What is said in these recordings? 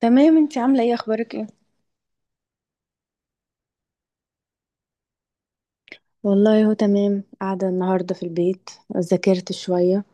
تمام. انتي عاملة ايه؟ اخبارك ايه؟ والله هو تمام، قاعدة النهاردة في البيت. ذاكرت شوية.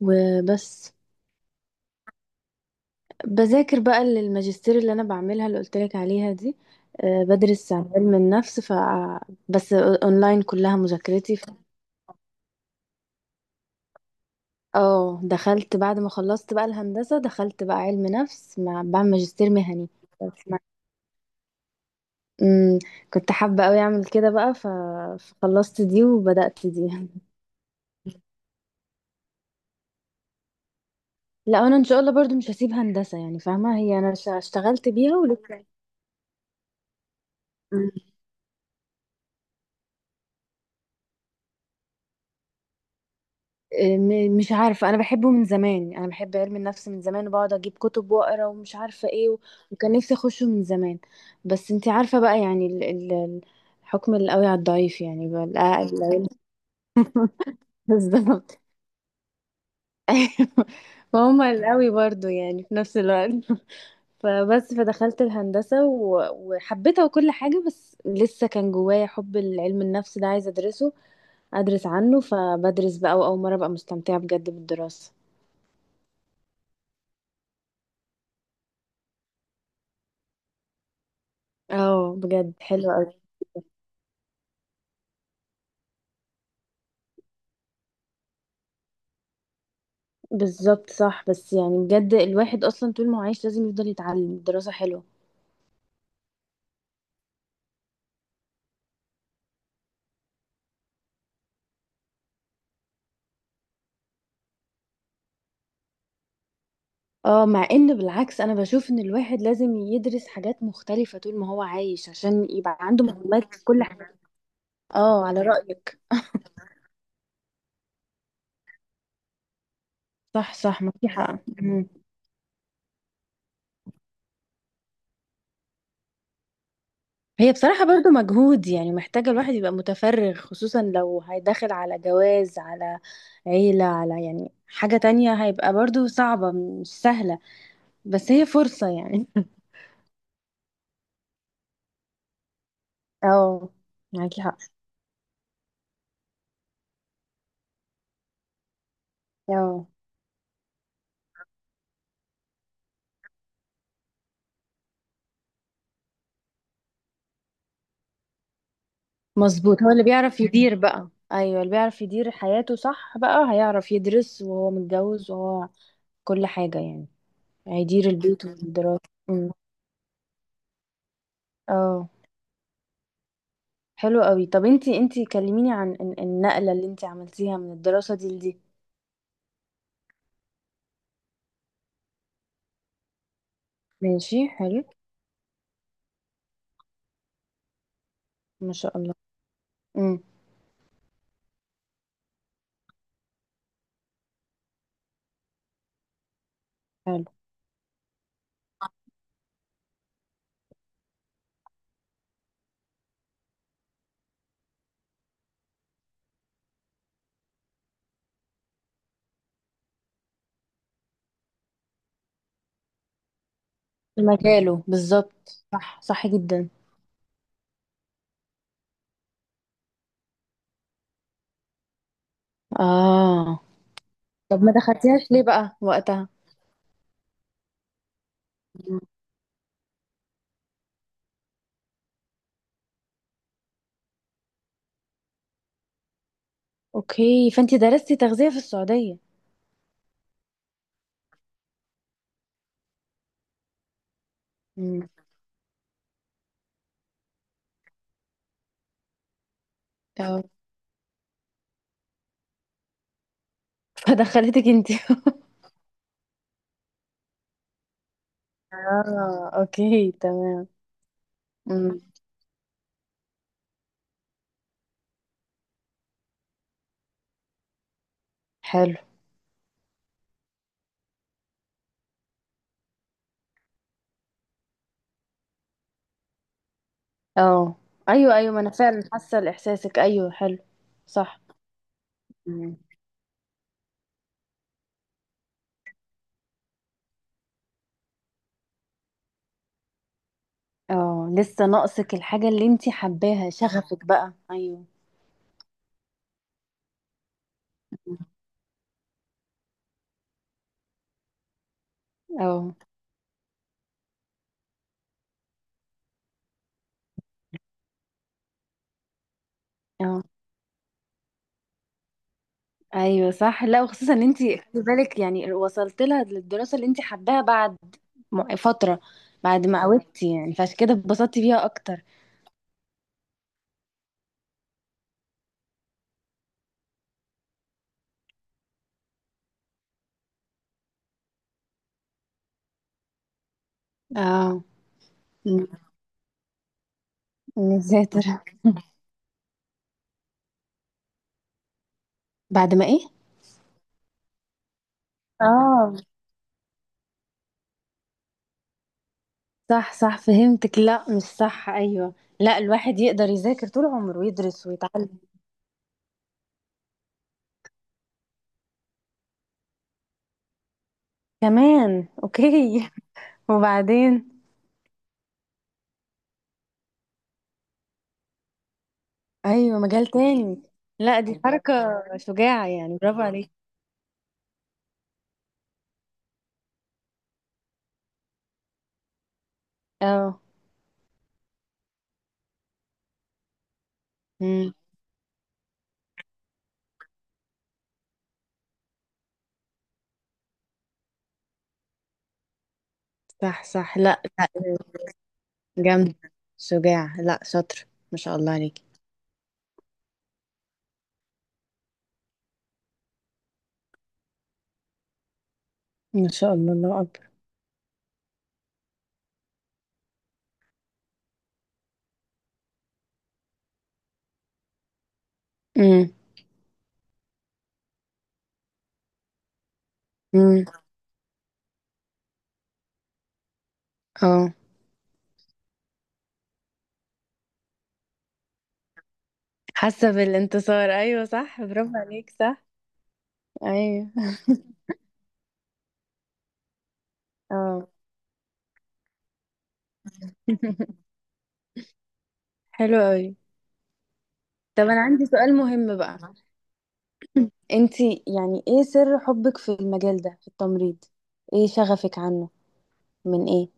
وبس. بذاكر بقى للماجستير اللي أنا بعملها اللي قلتلك عليها دي. بدرس عن علم النفس. بس أونلاين كلها مذاكرتي. اه، دخلت بعد ما خلصت بقى الهندسة، دخلت بقى علم نفس مع بعمل ماجستير مهني. بس ما... مم. كنت حابة أوي أعمل كده بقى. فخلصت دي وبدأت دي. لا، انا ان شاء الله برضو مش هسيب هندسة، يعني فاهمة، هي انا اشتغلت بيها ولسه. م- مش عارفة، انا بحبه من زمان، يعني انا بحب علم النفس من زمان وبقعد اجيب كتب واقرا ومش عارفة ايه. وكان نفسي اخشه من زمان. بس انتي عارفة بقى يعني. الحكم القوي على الضعيف، يعني بقى. بالظبط. أيوة. فهم القوي برضو، يعني في نفس الوقت. فبس فدخلت الهندسة وحبيتها وكل حاجة، بس لسه كان جوايا حب العلم النفس ده عايزة ادرسه، ادرس عنه. فبدرس بقى، واول مره ابقى مستمتعه بجد بالدراسه. اه، بجد حلوه قوي. بالظبط. صح، بس يعني بجد الواحد اصلا طول ما هو عايش لازم يفضل يتعلم. الدراسه حلوه. اه، مع ان بالعكس انا بشوف ان الواحد لازم يدرس حاجات مختلفه طول ما هو عايش، عشان يبقى عنده معلومات في كل حاجه. اه، على رايك. صح، صح، ما في حق. مم. هي بصراحة برضو مجهود، يعني محتاجة الواحد يبقى متفرغ، خصوصا لو هيدخل على جواز، على عيلة، على يعني حاجة تانية، هيبقى برضو صعبة، مش سهلة. بس هي فرصة، يعني. اه. معاكي حق. اه، مظبوط، هو اللي بيعرف يدير بقى. ايوه، اللي بيعرف يدير حياته، صح، بقى هيعرف يدرس وهو متجوز وهو كل حاجة، يعني. هيدير البيت والدراسة. أمم. اه. حلو قوي. طب انتي كلميني عن النقلة اللي انتي عملتيها من الدراسة دي لدي. ماشي، حلو. ما شاء الله. امم. حلو. مجاله، بالظبط. صح، صح جدا. اه. طب ما دخلتيهاش ليه بقى وقتها؟ مم. اوكي، فانتي درستي تغذية في السعودية؟ امم. طب فدخلتك انتي. اه، اوكي تمام. امم. حلو. اه، ايوه، ايوه، ما انا فعلا حاسه لاحساسك. ايوه، حلو. صح. مم. اه، لسه ناقصك الحاجه اللي انتي حباها، شغفك بقى، ايوه. اه. اه، ايوه، صح. لا، وخصوصا ان انت خلي بالك، يعني وصلت لها للدراسه اللي انت حباها بعد فتره. بعد ما قوتي، يعني فعشان كده اتبسطتي بيها اكتر. اه. ن- نذاكر. بعد ما ايه؟ اه، صح، صح، فهمتك. لا، مش صح. ايوه. لا، الواحد يقدر يذاكر طول عمره ويدرس ويتعلم. كمان؟ اوكي. وبعدين؟ ايوه، مجال تاني. لا، دي حركه شجاعه، يعني برافو عليك. اه. امم. صح، صح. لا، لا. جامد. شجاع. لا، شاطر. ما شاء الله عليك. ما شاء الله، الله أكبر. امم. امم. اه، حاسه بالانتصار. ايوه، صح. برافو عليك. صح. ايوه. اه. حلو قوي. طب انا عندي سؤال مهم بقى. انتي، يعني ايه سر حبك في المجال ده، في التمريض؟ ايه شغفك عنه؟ من ايه؟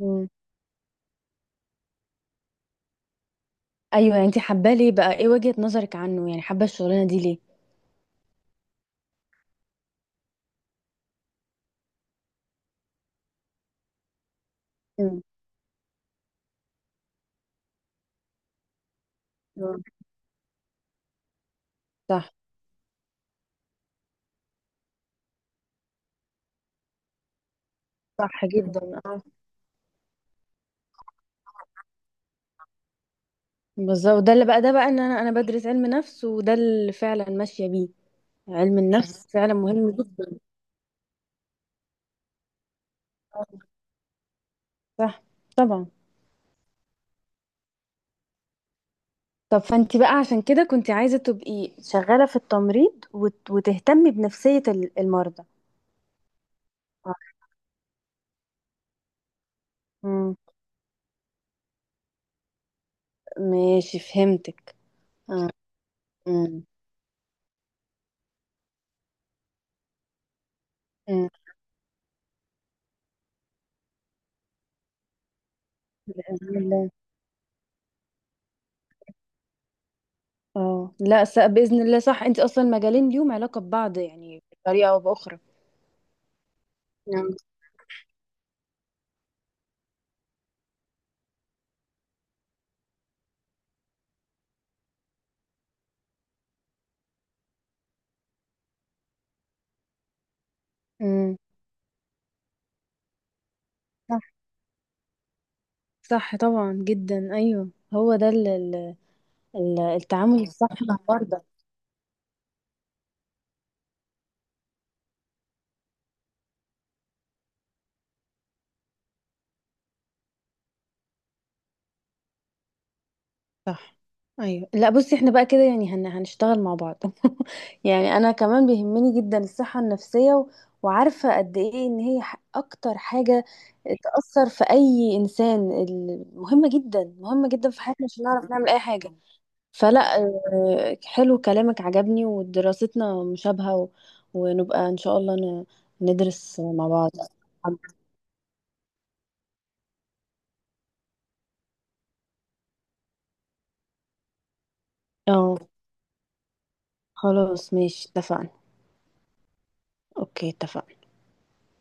امم. ايوه، يعني انتي حباه ليه بقى؟ ايه وجهة نظرك عنه؟ يعني حابه الشغلانه دي ليه؟ امم. آه. صح، صح جدا. بالظبط، ده اللي بقى، ده بقى ان انا بدرس علم نفس، وده اللي فعلا ماشيه بيه. علم النفس فعلا مهم جدا. آه. صح. طبعا. طب فانت بقى، عشان كده كنت عايزه تبقي شغاله في التمريض، وتهتمي بنفسيه المرضى. آه. مم. ماشي، فهمتك. اه. مم. مم. باذن الله. اه، لا، باذن الله، صح، انت اصلا مجالين ليهم علاقه ببعض، يعني بطريقه او باخرى. نعم. مم. صح، صح، طبعا جدا. ايوه، هو ده. التعامل الصح مع المرضى. صح. ايوه، لا بصي احنا بقى كده، يعني هنشتغل مع بعض. يعني انا كمان بيهمني جدا الصحة النفسية. وعارفة قد ايه ان هي اكتر حاجة تأثر في اي انسان، مهمة جدا، مهمة جدا في حياتنا عشان نعرف نعمل اي حاجة. فلا. حلو كلامك عجبني ودراستنا مشابهة. ونبقى ان شاء الله. ندرس مع بعض. اه، خلاص ماشي، اتفقنا. اوكي، اتفقنا.